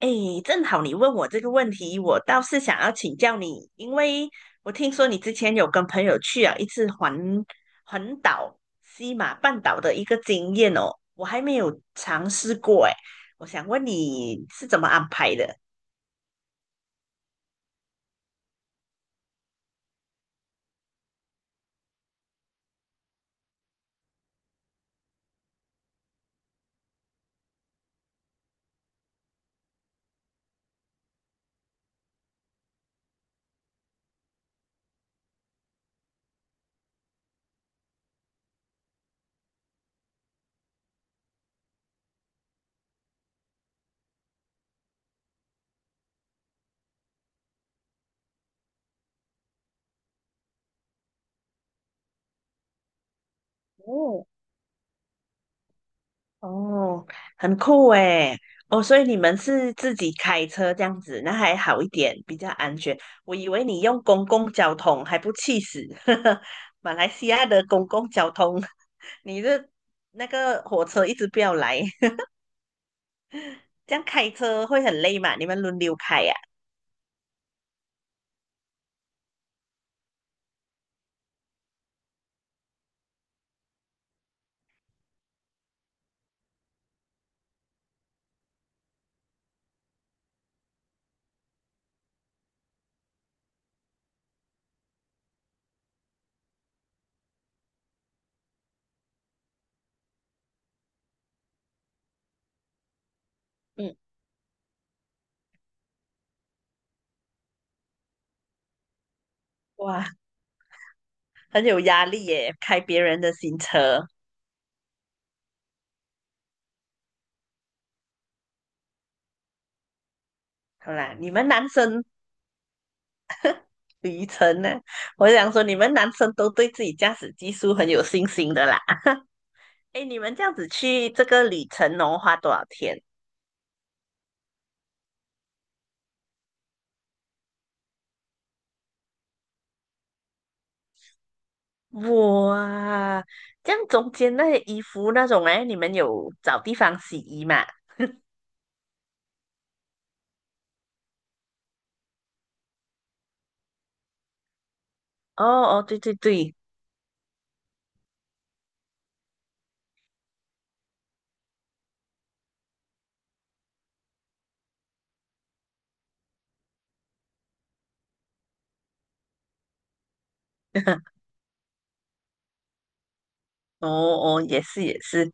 哎，正好你问我这个问题，我倒是想要请教你。因为我听说你之前有跟朋友去一次环岛西马半岛的一个经验哦，我还没有尝试过哎，我想问你是怎么安排的？哦，哦，很酷诶。哦，所以你们是自己开车这样子，那还好一点，比较安全。我以为你用公共交通还不气死，马来西亚的公共交通，你的那个火车一直不要来，这样开车会很累嘛？你们轮流开呀、嗯，哇，很有压力耶，开别人的新车。好啦，你们男生旅程呢？我想说，你们男生都对自己驾驶技术很有信心的啦。哎，你们这样子去这个里城农花多少天？哇，这样中间那些衣服那种哎，你们有找地方洗衣嘛？哦哦，对对对。哦哦，也是也是。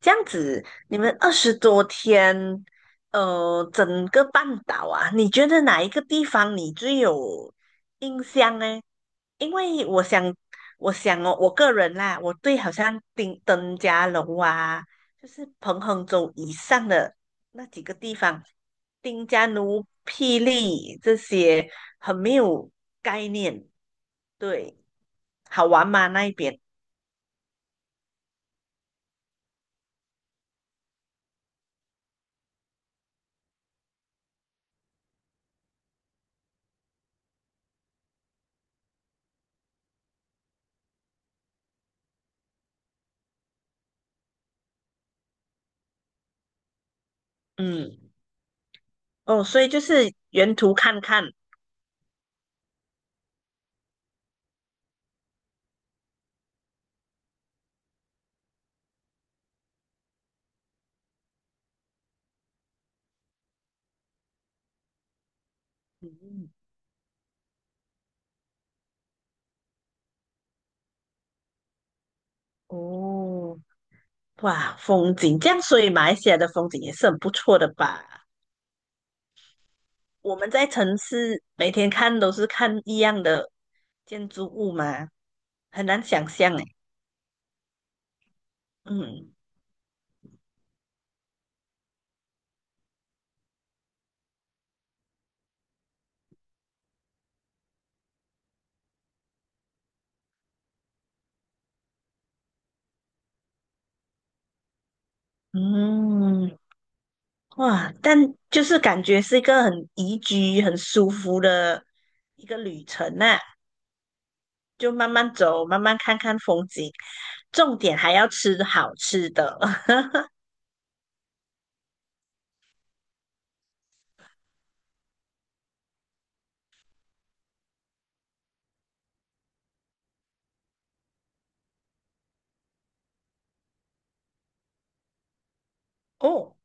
这样子，你们20多天，呃，整个半岛啊，你觉得哪一个地方你最有印象呢？因为我想，哦，我个人啦，我对好像丁登嘉楼啊，就是彭亨州以上的那几个地方，丁加奴、霹雳这些很没有概念。对，好玩吗？那一边？嗯。哦，所以就是原图看看。嗯。哦。哇，风景这样，所以马来西亚的风景也是很不错的吧？我们在城市每天看都是看一样的建筑物嘛，很难想象诶。嗯嗯。哇，就是感觉是一个很宜居、很舒服的一个旅程呐、就慢慢走，慢慢看看风景，重点还要吃好吃的。哦。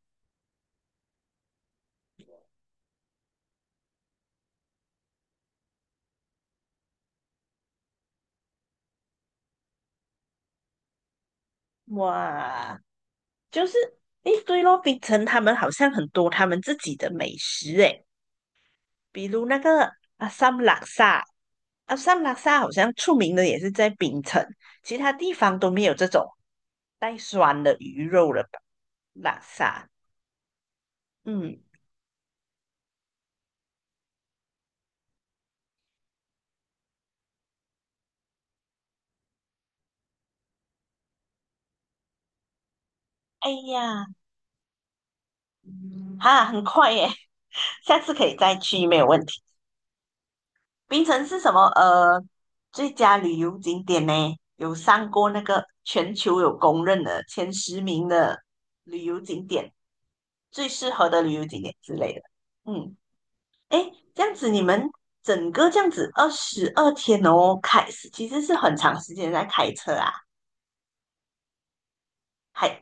哇，就是诶，对咯，槟城他们好像很多他们自己的美食诶，比如那个阿萨姆拉萨，阿萨姆拉萨好像出名的也是在槟城，其他地方都没有这种带酸的鱼肉了吧拉萨。嗯。哎呀。哈，很快耶。下次可以再去，没有问题。槟城是什么？呃，最佳旅游景点呢，有上过那个全球有公认的前10名的旅游景点，最适合的旅游景点之类的。嗯。诶，这样子你们整个这样子二十二天哦，其实是很长时间在开车啊，还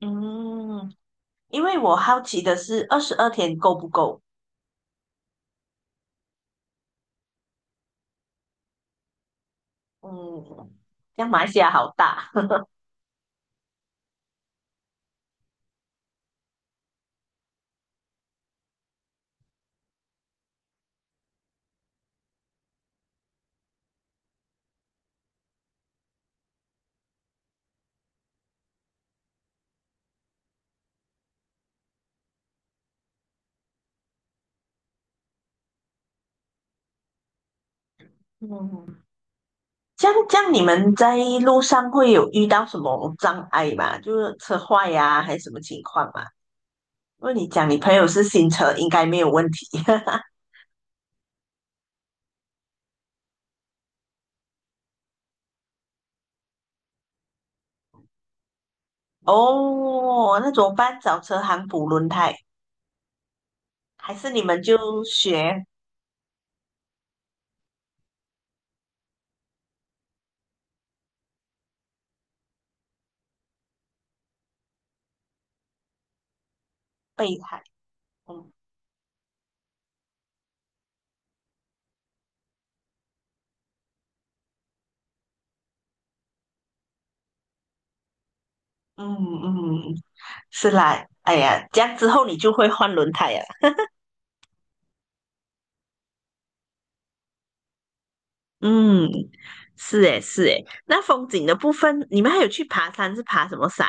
嗯。因为我好奇的是二十二天够不够？嗯，像马来西亚好大。嗯。这样这样，你们在路上会有遇到什么障碍吗？就是车坏呀、还是什么情况吗？因为你讲你朋友是新车，应该没有问题。哦，那怎么办？找车行补轮胎，还是你们就学备胎？嗯嗯嗯，是啦。哎呀，这样之后你就会换轮胎呀。嗯，是诶是诶。那风景的部分，你们还有去爬山是爬什么山？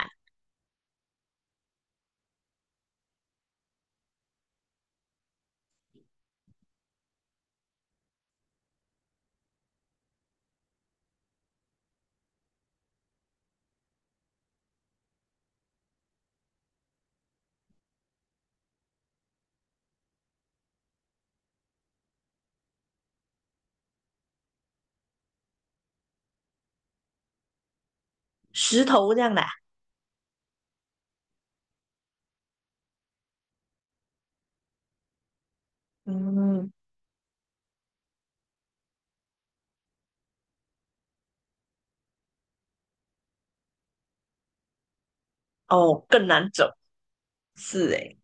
石头这样的啊嗯。哦，更难走。是诶。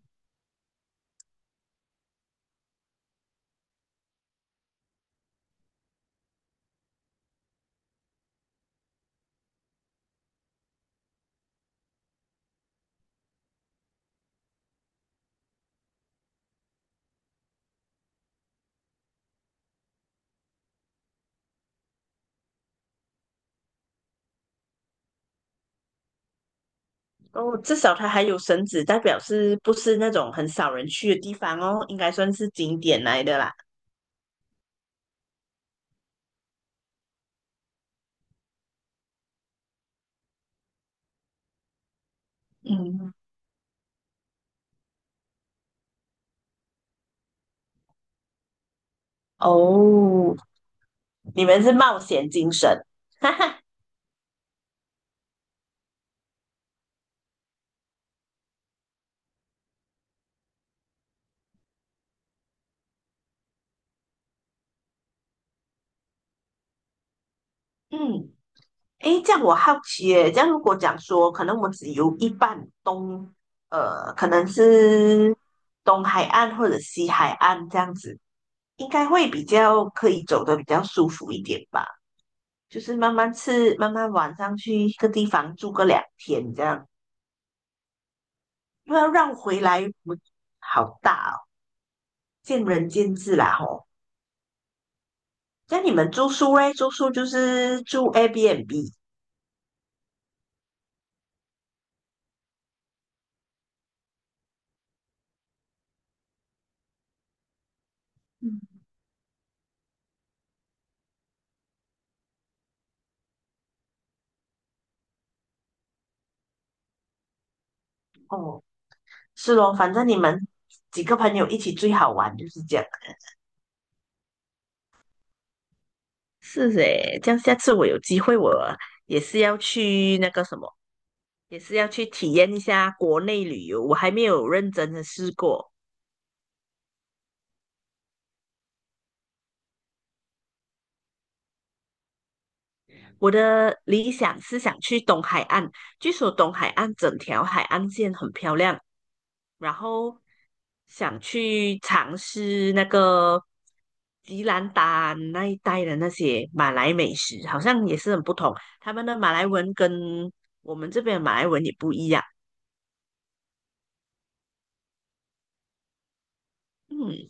哦，至少它还有绳子，代表是不是那种很少人去的地方哦？应该算是景点来的啦。嗯。哦，你们是冒险精神。哈哈。嗯。诶，这样我好奇耶，这样如果讲说，可能我只游一半东，呃，可能是东海岸或者西海岸这样子，应该会比较可以走的比较舒服一点吧。就是慢慢吃，慢慢晚上去一个地方住个2天这样。又要让回来，我好大哦，见仁见智啦吼。那你们住宿嘞？住宿就是住 Airbnb。 嗯。哦，是咯，反正你们几个朋友一起最好玩就是这样。是诶，这样下次我有机会，我也是要去那个什么，也是要去体验一下国内旅游。我还没有认真的试过。我的理想是想去东海岸，据说东海岸整条海岸线很漂亮，然后想去尝试那个吉兰丹那一带的那些马来美食，好像也是很不同。他们的马来文跟我们这边的马来文也不一样。嗯。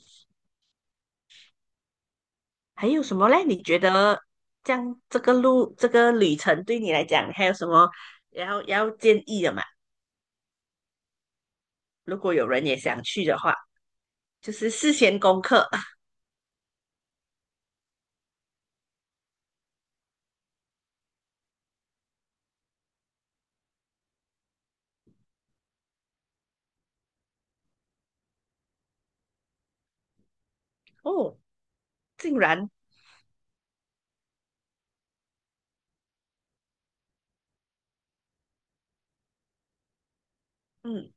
还有什么嘞？你觉得这样这个路这个旅程对你来讲还有什么要建议的吗？如果有人也想去的话，就是事先功课。 哦，竟然嗯。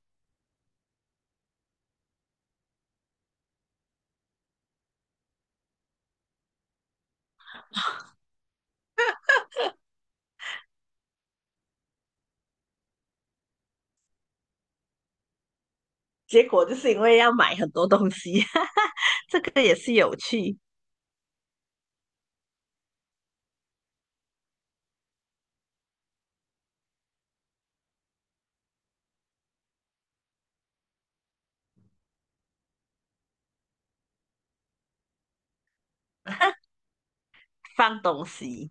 结果就是因为要买很多东西。这个也是有趣。放东西。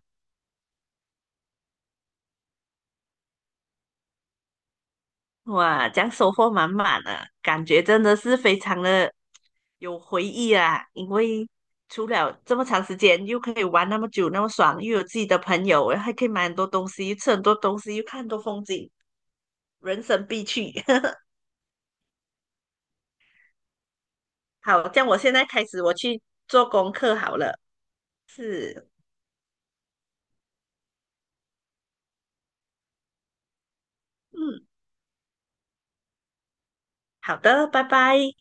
哇，这样收获满满的，感觉真的是非常的有回忆啊！因为除了这么长时间，又可以玩那么久，那么爽，又有自己的朋友，还可以买很多东西，吃很多东西，又看很多风景，人生必去。好，这样我现在开始我去做功课好了。是。嗯，好的，拜拜。